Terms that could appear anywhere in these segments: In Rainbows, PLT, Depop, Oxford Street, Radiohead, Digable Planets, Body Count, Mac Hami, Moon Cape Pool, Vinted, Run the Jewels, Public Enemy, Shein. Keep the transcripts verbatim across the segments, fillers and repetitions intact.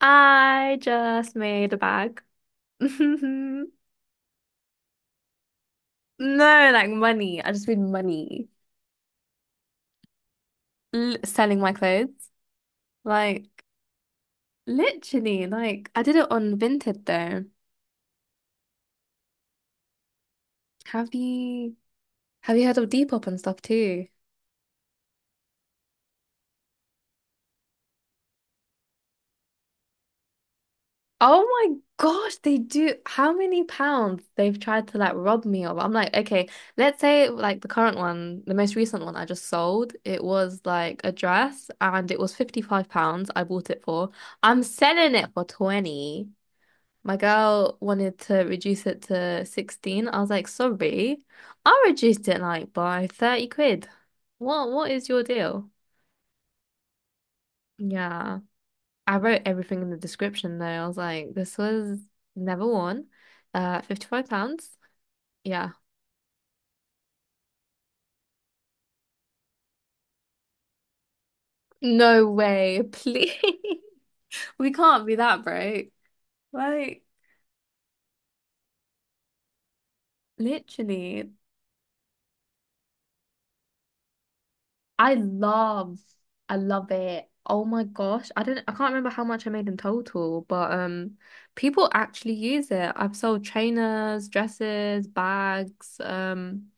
I just made a bag. No, like money. I just made money L selling my clothes. Like literally, like I did it on Vinted though. Have you have you heard of Depop and stuff too? Oh my gosh, they do. How many pounds they've tried to like rob me of? I'm like, okay, let's say like the current one, the most recent one I just sold, it was like a dress and it was fifty-five pounds I bought it for. I'm selling it for twenty. My girl wanted to reduce it to sixteen. I was like, sorry, I reduced it like by thirty quid. What what is your deal? Yeah. I wrote everything in the description though. I was like, this was never worn. Uh, fifty-five pounds. Yeah. No way, please. We can't be that broke. Like, literally. I love, I love it. Oh my gosh. I don't, I can't remember how much I made in total, but um, people actually use it. I've sold trainers, dresses, bags. Um,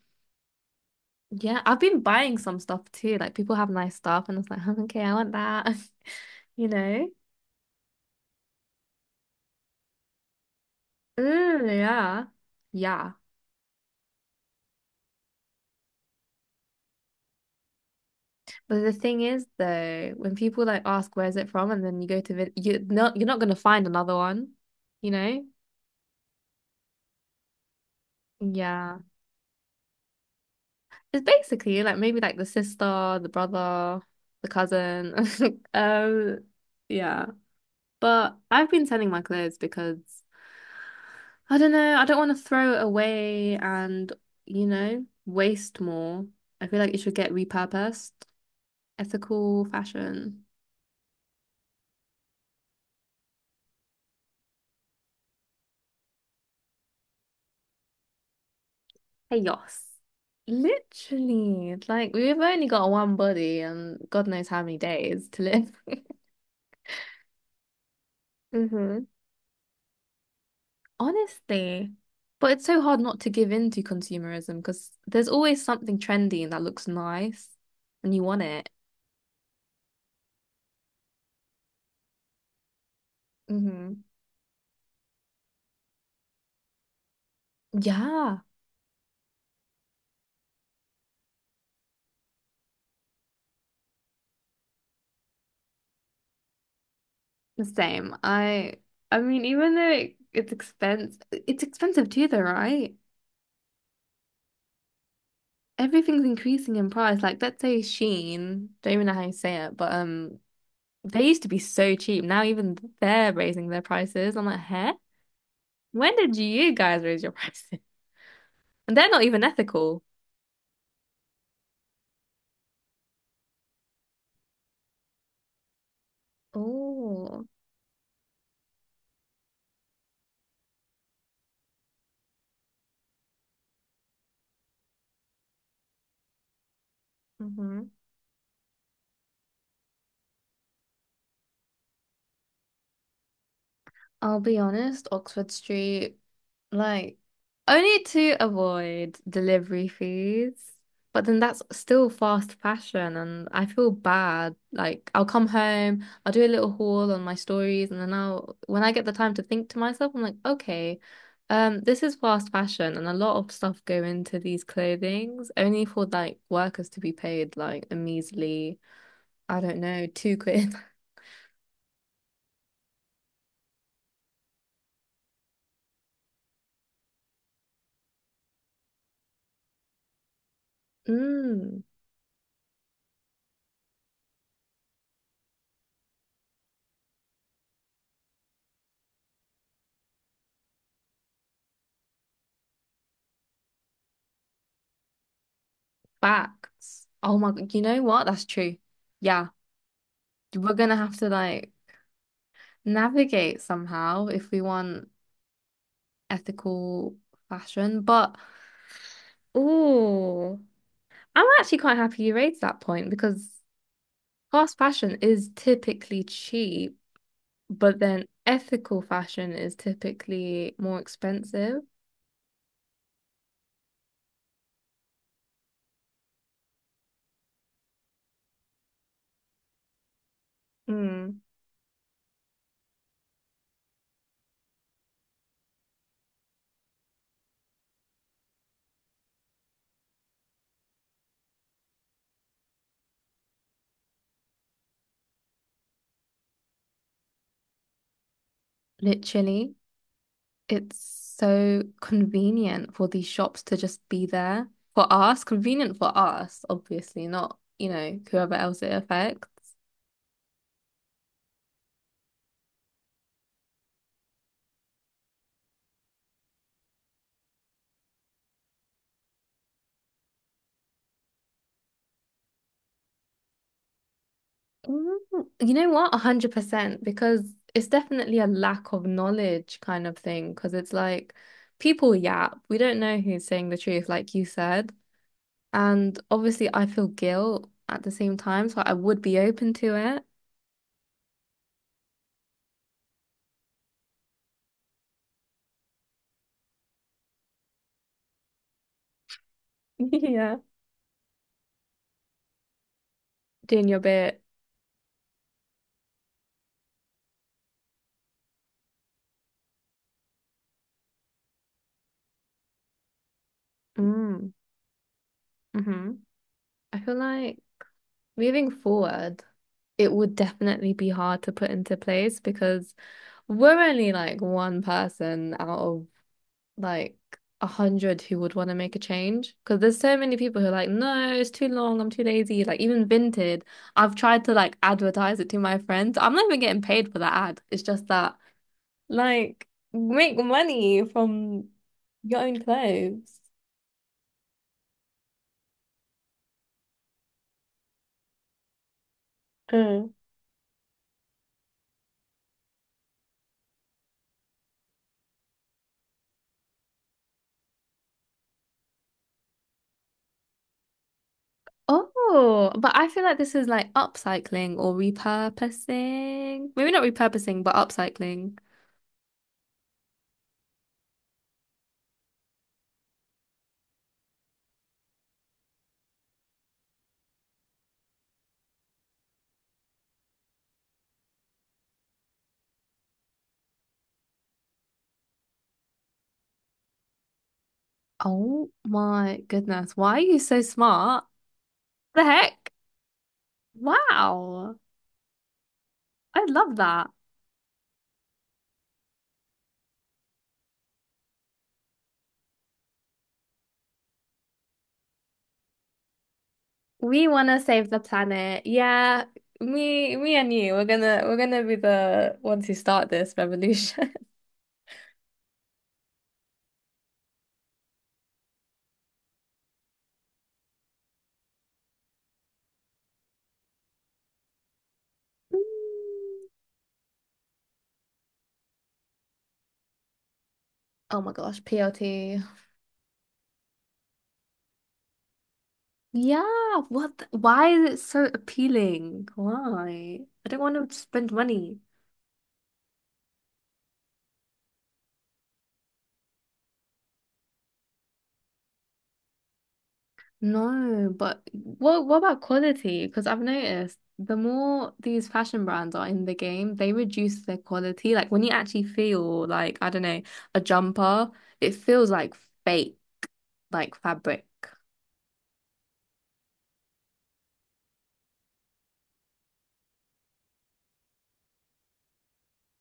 Yeah, I've been buying some stuff too. Like people have nice stuff, and it's like, okay, I want that. You know? Mm, yeah. Yeah. But the thing is though, when people like ask where's it from, and then you go to vid you not you're not gonna find another one, you know? Yeah. It's basically like maybe like the sister, the brother, the cousin. Um, yeah. But I've been sending my clothes because I don't know, I don't want to throw it away and, you know, waste more. I feel like it should get repurposed. Ethical fashion. Hey, literally, like we've only got one body and God knows how many days to live. hmm Honestly. But it's so hard not to give in to consumerism because there's always something trendy and that looks nice and you want it. Hmm. Yeah. The same. I I mean, even though it, it's expense it's expensive too though, right? Everything's increasing in price. Like let's say Shein, don't even know how you say it, but um they used to be so cheap. Now even they're raising their prices. I'm like, huh? When did you guys raise your prices? And they're not even ethical. Oh. Mm-hmm. I'll be honest, Oxford Street. Like, only to avoid delivery fees, but then that's still fast fashion, and I feel bad. Like, I'll come home, I'll do a little haul on my stories, and then I'll, when I get the time to think to myself, I'm like, okay, um, this is fast fashion, and a lot of stuff go into these clothings, only for like workers to be paid like a measly, I don't know, two quid. Mm, facts. Oh my God, you know what? That's true. Yeah, we're gonna have to like navigate somehow if we want ethical fashion. But oh, I'm actually quite happy you raised that point because fast fashion is typically cheap, but then ethical fashion is typically more expensive. Mm. Literally, it's so convenient for these shops to just be there for us, convenient for us, obviously, not, you know, whoever else it affects. Mm, You know what? A hundred percent, because it's definitely a lack of knowledge kind of thing. Because it's like people yap. We don't know who's saying the truth, like you said. And obviously, I feel guilt at the same time, so I would be open to it. Yeah. Doing your bit. Mm. hmm I feel like moving forward, it would definitely be hard to put into place because we're only like one person out of like a hundred who would want to make a change because there's so many people who are like, no, it's too long, I'm too lazy. Like even Vinted, I've tried to like advertise it to my friends. I'm not even getting paid for that ad. It's just that like make money from your own clothes. Mm. Oh, but I feel like this is like upcycling or repurposing. Maybe not repurposing, but upcycling. Oh my goodness. Why are you so smart? The heck? Wow. I love that. We want to save the planet. Yeah, me, me and you, we're gonna we're gonna be the ones who start this revolution. Oh my gosh, P L T. Yeah, what? the- why is it so appealing? Why? I don't want to spend money. No, but what what about quality? Because I've noticed the more these fashion brands are in the game, they reduce their quality. Like when you actually feel like, I don't know, a jumper, it feels like fake, like fabric.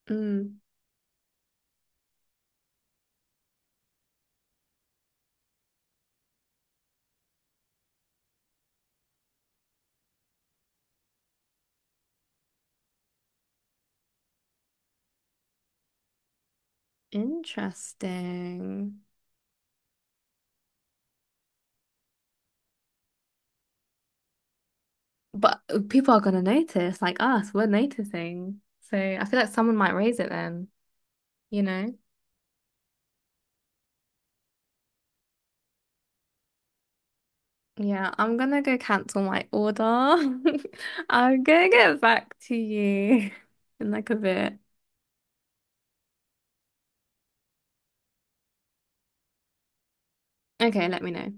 Mm, Interesting. But uh, people are gonna notice, like us, we're noticing. So I feel like someone might raise it then, you know? Yeah, I'm gonna go cancel my order. I'm gonna get back to you in like a bit. Okay, let me know.